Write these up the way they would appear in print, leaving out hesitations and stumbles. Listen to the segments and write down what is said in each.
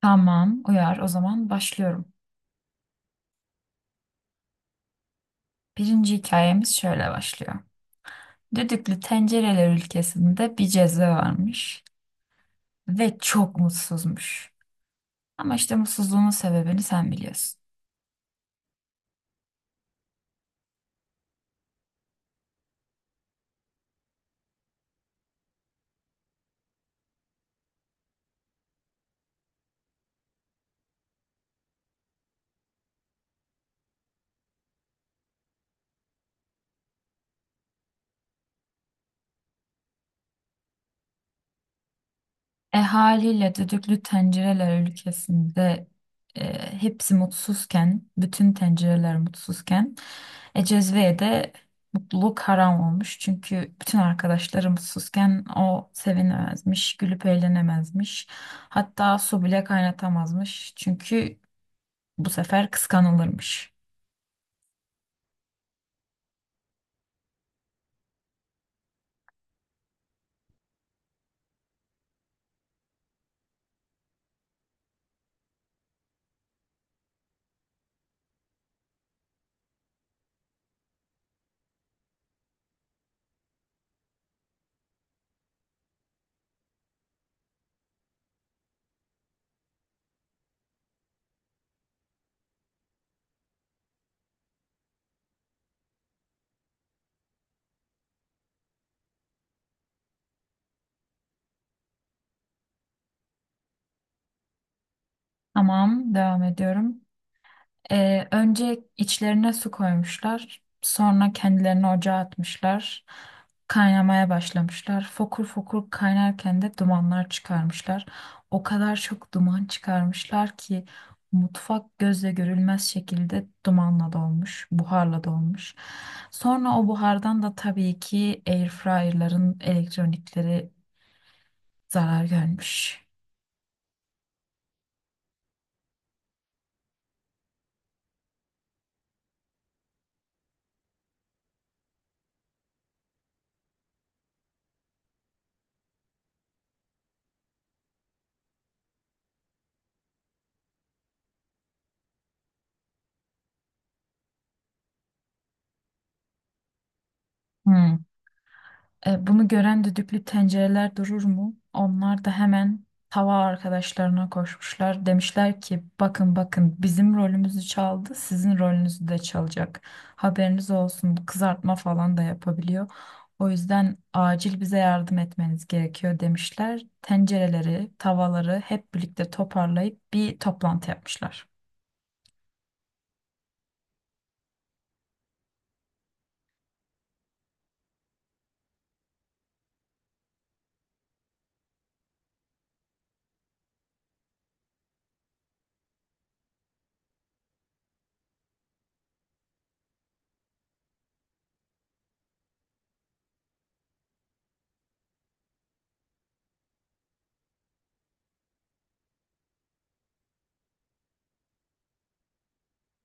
Tamam, uyar. O zaman başlıyorum. Birinci hikayemiz şöyle başlıyor. Düdüklü tencereler ülkesinde bir ceza varmış ve çok mutsuzmuş. Ama işte mutsuzluğunun sebebini sen biliyorsun. Haliyle düdüklü tencereler ülkesinde hepsi mutsuzken, bütün tencereler mutsuzken, Cezve'ye de mutluluk haram olmuş. Çünkü bütün arkadaşları mutsuzken o sevinemezmiş, gülüp eğlenemezmiş. Hatta su bile kaynatamazmış. Çünkü bu sefer kıskanılırmış. Tamam, devam ediyorum. Önce içlerine su koymuşlar. Sonra kendilerini ocağa atmışlar. Kaynamaya başlamışlar. Fokur fokur kaynarken de dumanlar çıkarmışlar. O kadar çok duman çıkarmışlar ki mutfak gözle görülmez şekilde dumanla dolmuş, buharla dolmuş. Sonra o buhardan da tabii ki airfryer'ların elektronikleri zarar görmüş. Hmm. Bunu gören düdüklü tencereler durur mu? Onlar da hemen tava arkadaşlarına koşmuşlar. Demişler ki bakın bakın, bizim rolümüzü çaldı, sizin rolünüzü de çalacak. Haberiniz olsun, kızartma falan da yapabiliyor. O yüzden acil bize yardım etmeniz gerekiyor demişler. Tencereleri, tavaları hep birlikte toparlayıp bir toplantı yapmışlar.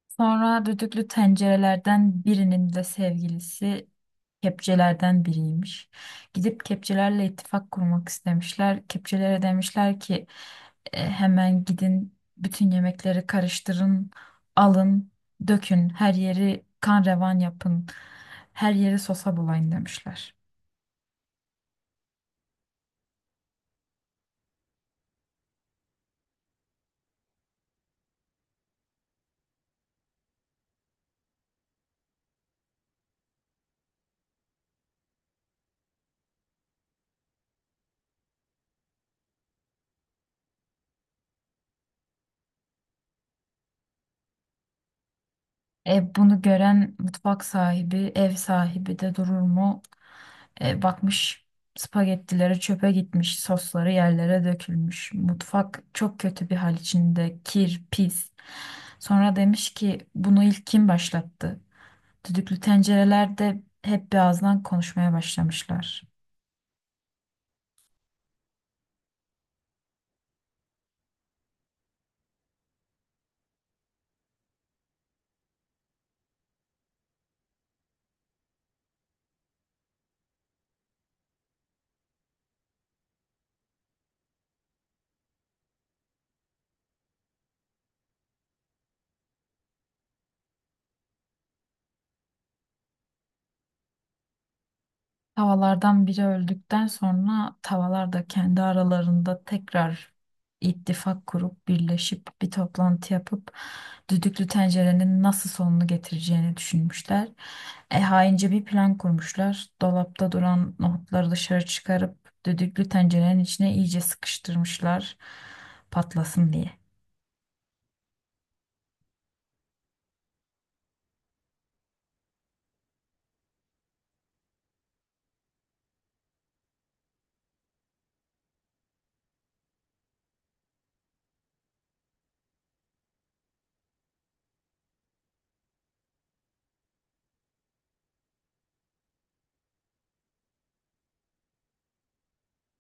Sonra düdüklü tencerelerden birinin de sevgilisi kepçelerden biriymiş. Gidip kepçelerle ittifak kurmak istemişler. Kepçelere demişler ki "E, hemen gidin bütün yemekleri karıştırın, alın, dökün, her yeri kan revan yapın, her yeri sosa bulayın" demişler. Bunu gören mutfak sahibi, ev sahibi de durur mu? Bakmış spagettileri çöpe gitmiş, sosları yerlere dökülmüş. Mutfak çok kötü bir hal içinde, kir, pis. Sonra demiş ki bunu ilk kim başlattı? Düdüklü tencerelerde hep bir ağızdan konuşmaya başlamışlar. Tavalardan biri öldükten sonra tavalar da kendi aralarında tekrar ittifak kurup birleşip bir toplantı yapıp düdüklü tencerenin nasıl sonunu getireceğini düşünmüşler. Haince bir plan kurmuşlar. Dolapta duran nohutları dışarı çıkarıp düdüklü tencerenin içine iyice sıkıştırmışlar, patlasın diye.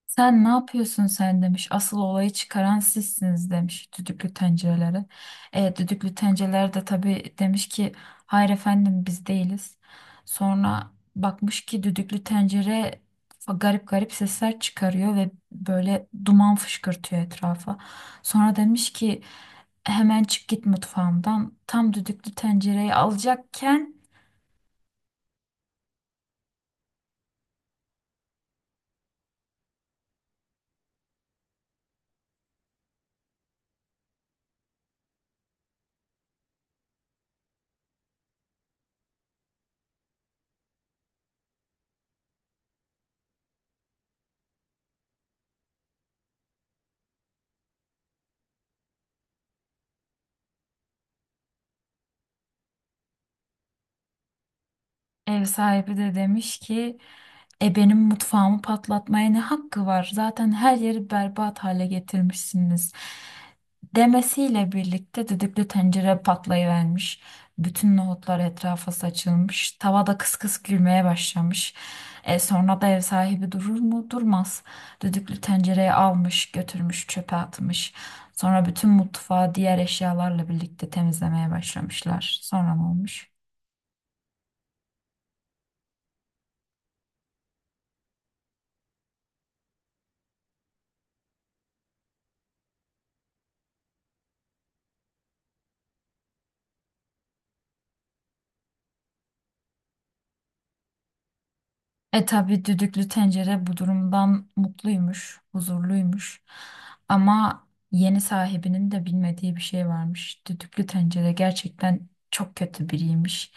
Sen ne yapıyorsun sen demiş. Asıl olayı çıkaran sizsiniz demiş düdüklü tencerelere. Düdüklü tencereler de tabii demiş ki hayır efendim, biz değiliz. Sonra bakmış ki düdüklü tencere garip garip sesler çıkarıyor ve böyle duman fışkırtıyor etrafa. Sonra demiş ki hemen çık git mutfağımdan. Tam düdüklü tencereyi alacakken ev sahibi de demiş ki E benim mutfağımı patlatmaya ne hakkı var? Zaten her yeri berbat hale getirmişsiniz. Demesiyle birlikte düdüklü tencere patlayıvermiş. Bütün nohutlar etrafa saçılmış. Tava da kıs kıs gülmeye başlamış. E sonra da ev sahibi durur mu? Durmaz. Düdüklü tencereyi almış, götürmüş, çöpe atmış. Sonra bütün mutfağı diğer eşyalarla birlikte temizlemeye başlamışlar. Sonra ne olmuş? E tabii düdüklü tencere bu durumdan mutluymuş, huzurluymuş. Ama yeni sahibinin de bilmediği bir şey varmış. Düdüklü tencere gerçekten çok kötü biriymiş.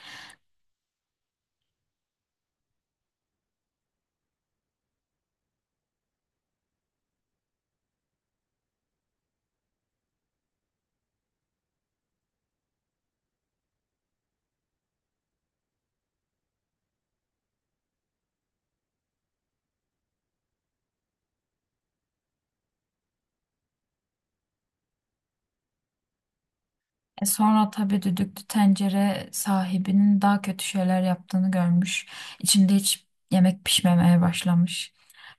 Sonra tabii düdüklü tencere sahibinin daha kötü şeyler yaptığını görmüş. İçinde hiç yemek pişmemeye başlamış.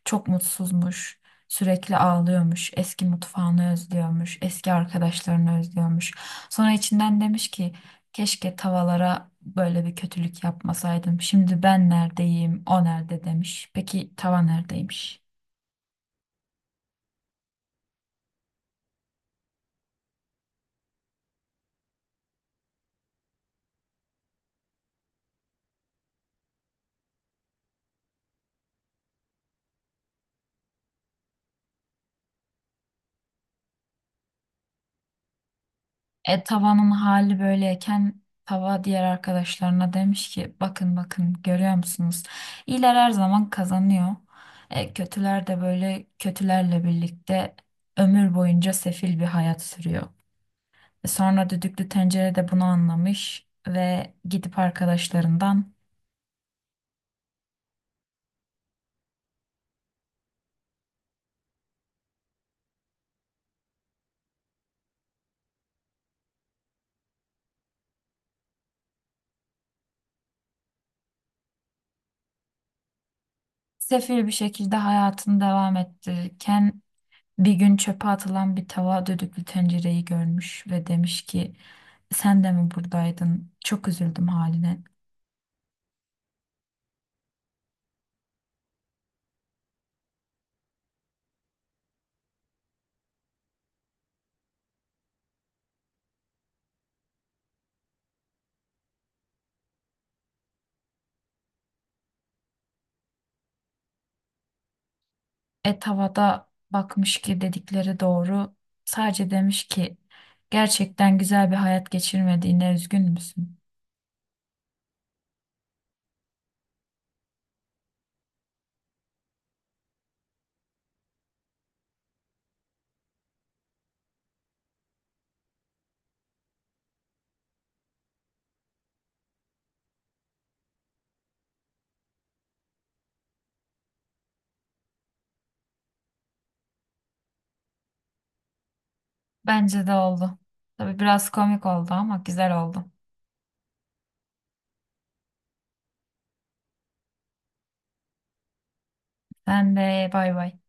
Çok mutsuzmuş. Sürekli ağlıyormuş. Eski mutfağını özlüyormuş. Eski arkadaşlarını özlüyormuş. Sonra içinden demiş ki keşke tavalara böyle bir kötülük yapmasaydım. Şimdi ben neredeyim, o nerede demiş. Peki tava neredeymiş? Tavanın hali böyleyken tava diğer arkadaşlarına demiş ki bakın bakın, görüyor musunuz? İyiler her zaman kazanıyor. Kötüler de böyle kötülerle birlikte ömür boyunca sefil bir hayat sürüyor. Sonra düdüklü tencere de bunu anlamış ve gidip arkadaşlarından sefil bir şekilde hayatını devam ettirirken bir gün çöpe atılan bir tava düdüklü tencereyi görmüş ve demiş ki sen de mi buradaydın? Çok üzüldüm haline. Et havada bakmış ki dedikleri doğru. Sadece demiş ki gerçekten güzel bir hayat geçirmediğine üzgün müsün? Bence de oldu. Tabii biraz komik oldu ama güzel oldu. Sen de bay bay.